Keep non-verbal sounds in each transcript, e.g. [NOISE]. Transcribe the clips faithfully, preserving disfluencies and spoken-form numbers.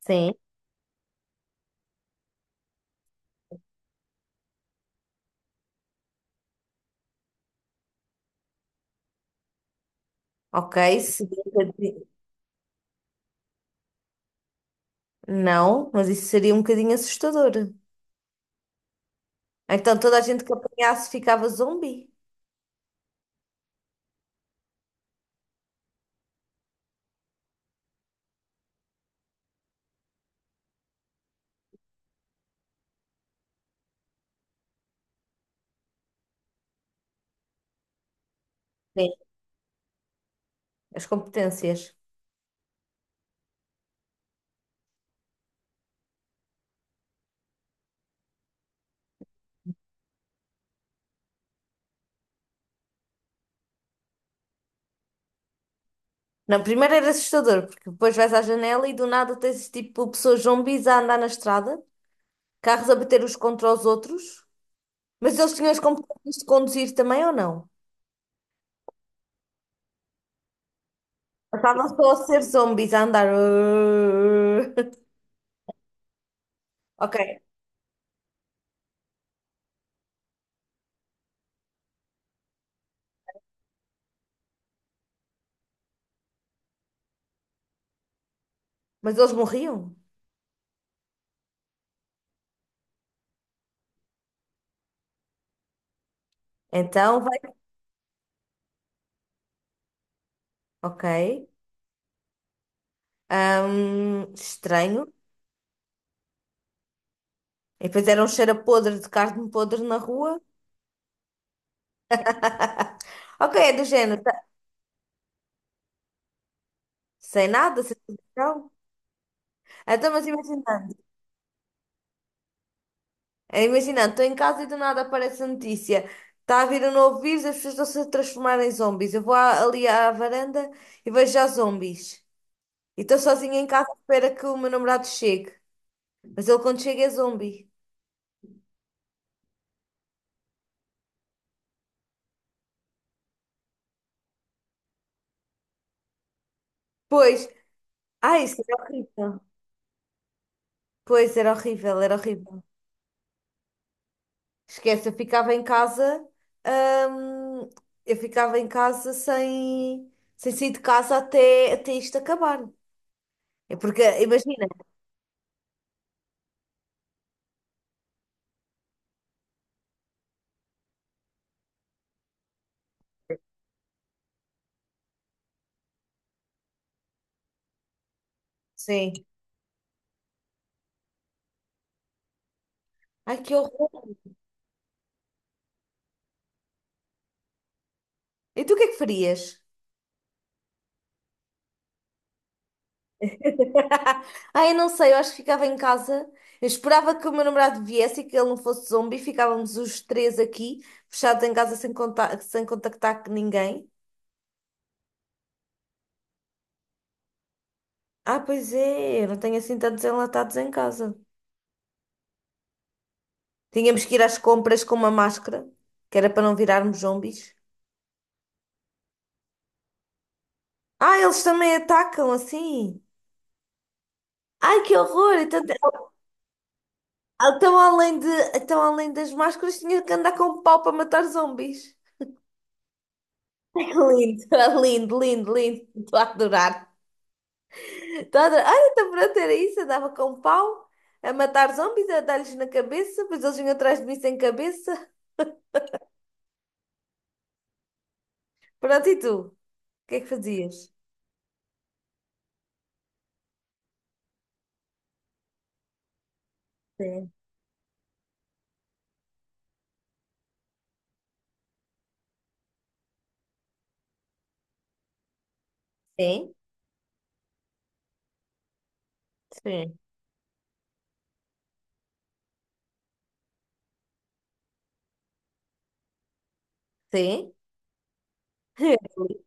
Sim, ok. Seria um bocadinho- Não, mas isso seria um bocadinho assustador. Então toda a gente que apanhasse ficava zombi. Sim, as competências. Não, primeiro era assustador, porque depois vais à janela e do nada tens tipo pessoas zumbis a andar na estrada, carros a bater uns contra os outros, mas eles tinham as competências de conduzir também ou não? Ou estavam só a ser zumbis a andar. [LAUGHS] Ok, mas eles morriam. Então vai. Ok. Ahm, estranho. E depois era um cheiro a podre de carne podre na rua. [LAUGHS] Ok, é do género. Tá- Sem nada, sem televisão. Então, mas imaginando, é, imaginando, estou em casa e do nada aparece a notícia. Está a vir um novo vírus, as pessoas estão-se a transformar em zombies. Eu vou à- ali à varanda e vejo já zombies. E estou sozinha em casa à espera que o meu namorado chegue. Mas ele quando chega é zombie. Pois, ai, isso era horrível. Pois, era horrível, era horrível. Esquece, eu ficava em casa, hum, eu ficava em casa sem, sem sair de casa até, até isto acabar. É porque, imagina, sim. Ai, que horror. E tu o que é que farias? [LAUGHS] Ai, eu não sei, eu acho que ficava em casa. Eu esperava que o meu namorado viesse e que ele não fosse zombi. Ficávamos os três aqui, fechados em casa sem conta- sem contactar com ninguém. Ah, pois é, eu não tenho assim tantos enlatados em casa. Tínhamos que ir às compras com uma máscara, que era para não virarmos zombies. Ah, eles também atacam assim. Ai, que horror! Então, então, além de, então, além das máscaras, tinha que andar com um pau para matar zombies. [LAUGHS] Lindo, é lindo, lindo, lindo. Estou a adorar. Estou a adorar. Ai, então pronto, era isso. Andava com um pau a matar zombies, a dar-lhes na cabeça, depois eles vinham atrás de mim sem cabeça. Pronto, e tu? O que é que fazias? Sim. Sim, sim, sim. [LAUGHS]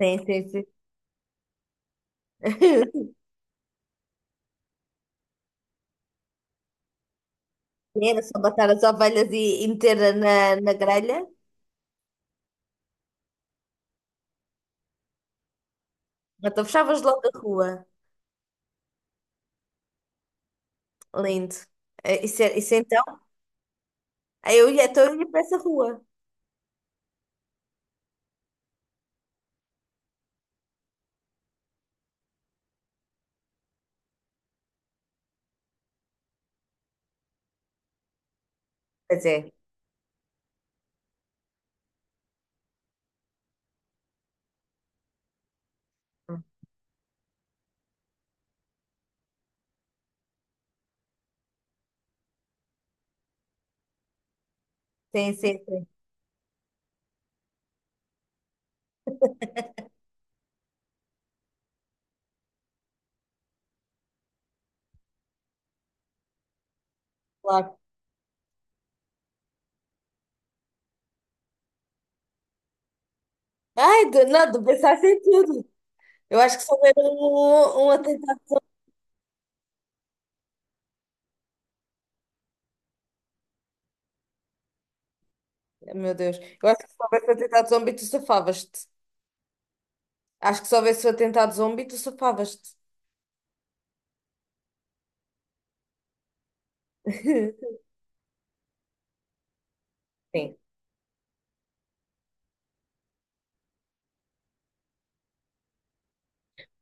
Sim, sim, sim. [LAUGHS] Era só matar as ovelhas e, e meter na, na grelha. Então fechavas logo a rua. Lindo. Eh, isso, é- isso é então? Aí eu ia, então eu ia para essa rua. Pois é. Sim, sim, sim. Claro. Ai, de, não, de pensar em tudo. Eu acho que se houver um, um atentado. Meu Deus. Eu acho que se houvesse um atentado zombie, tu safavas-te. Acho que se houvesse um atentado zombie, tu safavas-te. [LAUGHS] Sim,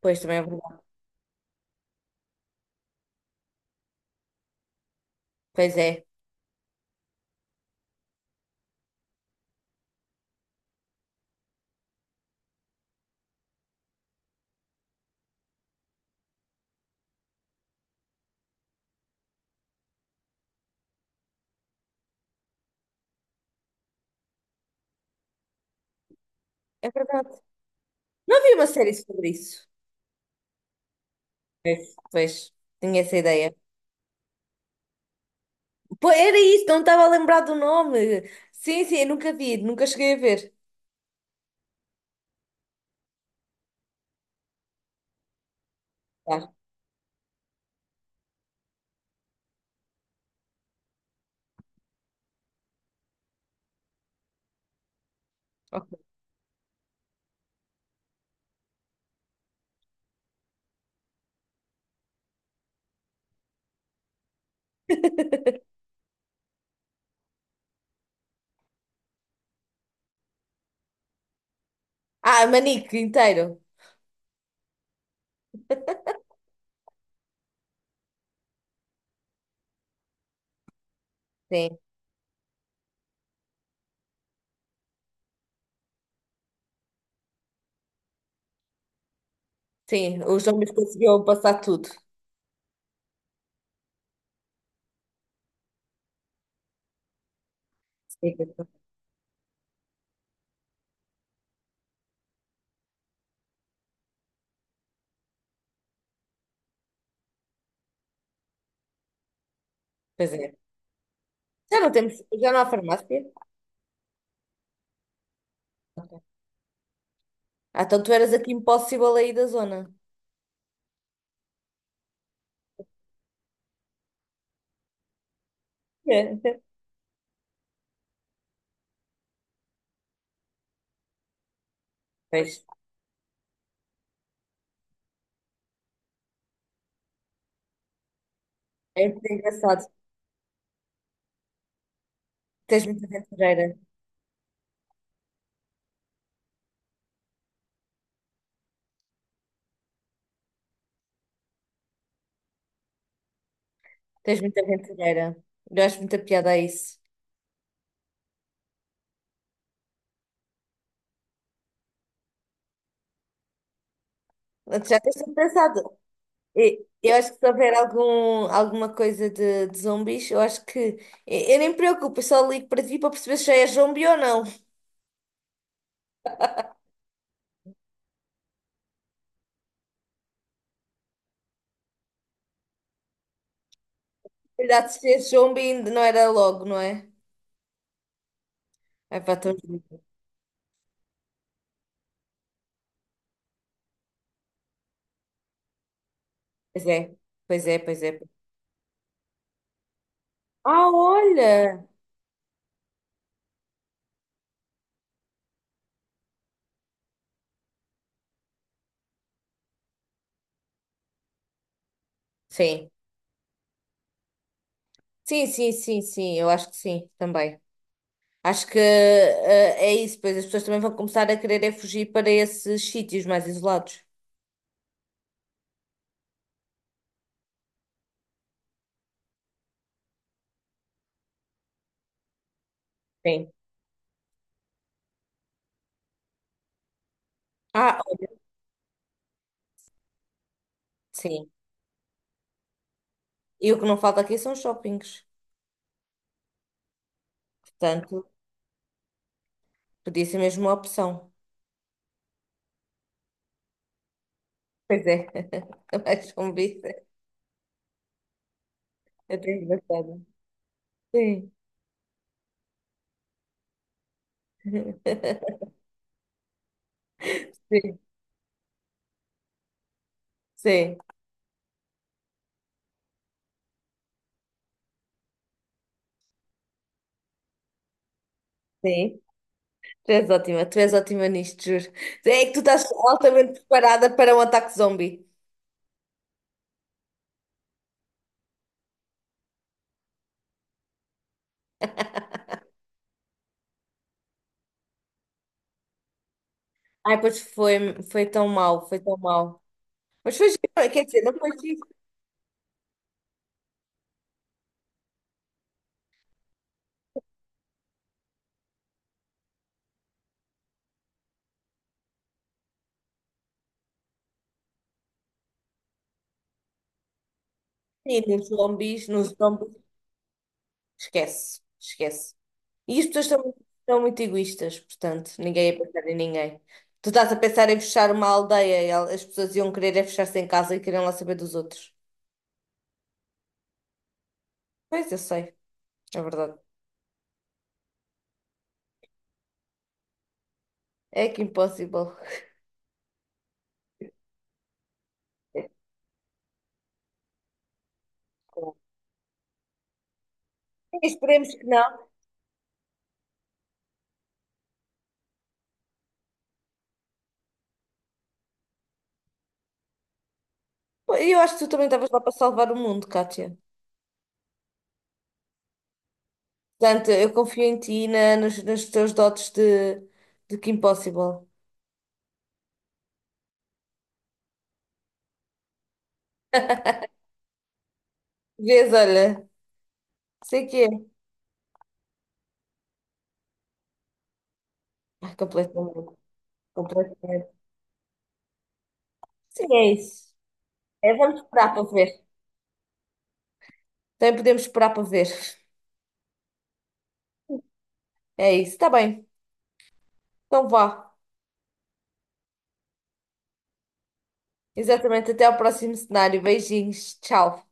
pois também é verdade. Pois é. É verdade. Não havia uma série sobre isso. Pois, pois. Tinha essa ideia. Pô, era isso, não estava a lembrar do nome. Sim, sim, eu nunca vi, nunca cheguei a ver. Tá. Ok. Ah, Manique inteiro. Sim, sim, os homens conseguiam passar tudo. Sim, pois é. Já não temos, já não há farmácia. Ok. Ah, então tu eras aqui impossível aí da zona. É. Pois, é muito engraçado. Tens muita aventureira. Tens muita aventureira. Eu acho muita piada a isso. Já tens pensado. E- eu acho que se houver algum, alguma coisa de, de zombies, eu acho que. Eu, eu nem me preocupo, eu só ligo para ti para perceber se já é zombie ou não. [LAUGHS] Cuidado se é zombie ainda não era logo, não é? É para todos. Pois é, pois é, pois é. Ah, olha! Sim, sim, sim, sim, sim, eu acho que sim, também. Acho que eh, é isso, pois as pessoas também vão começar a querer é fugir para esses sítios mais isolados. Sim. Ah, sim. E o que não falta aqui são shoppings. Portanto, podia ser mesmo uma opção. Pois é, [LAUGHS] mais convicta. Eu tenho gostado. Sim, sim, sim, sim. Tu és ótima, tu és ótima nisto, juro. É que tu estás altamente preparada para um ataque zombie. Ai, pois foi, foi tão mal foi tão mal. Mas foi, giro, quer dizer, não foi giro. Sim, nos zombies, nos zombies, esquece, esquece. E as pessoas são, são muito egoístas, portanto, ninguém ia pensar em ninguém. Tu estás a pensar em fechar uma aldeia, e el- as pessoas iam querer é fechar-se em casa e queriam lá saber dos outros. Pois, eu sei. É verdade. É que impossível. Esperemos que não. Eu acho que tu também estavas lá para salvar o mundo, Kátia. Portanto, eu confio em ti e na, nos, nos teus dotes de, de que impossível. Vês, olha, sei que é. Ah, completamente, completamente. Sim, é isso. É, vamos esperar para ver. Também podemos esperar para ver. É isso, está bem. Então vá. Exatamente, até ao próximo cenário. Beijinhos, tchau.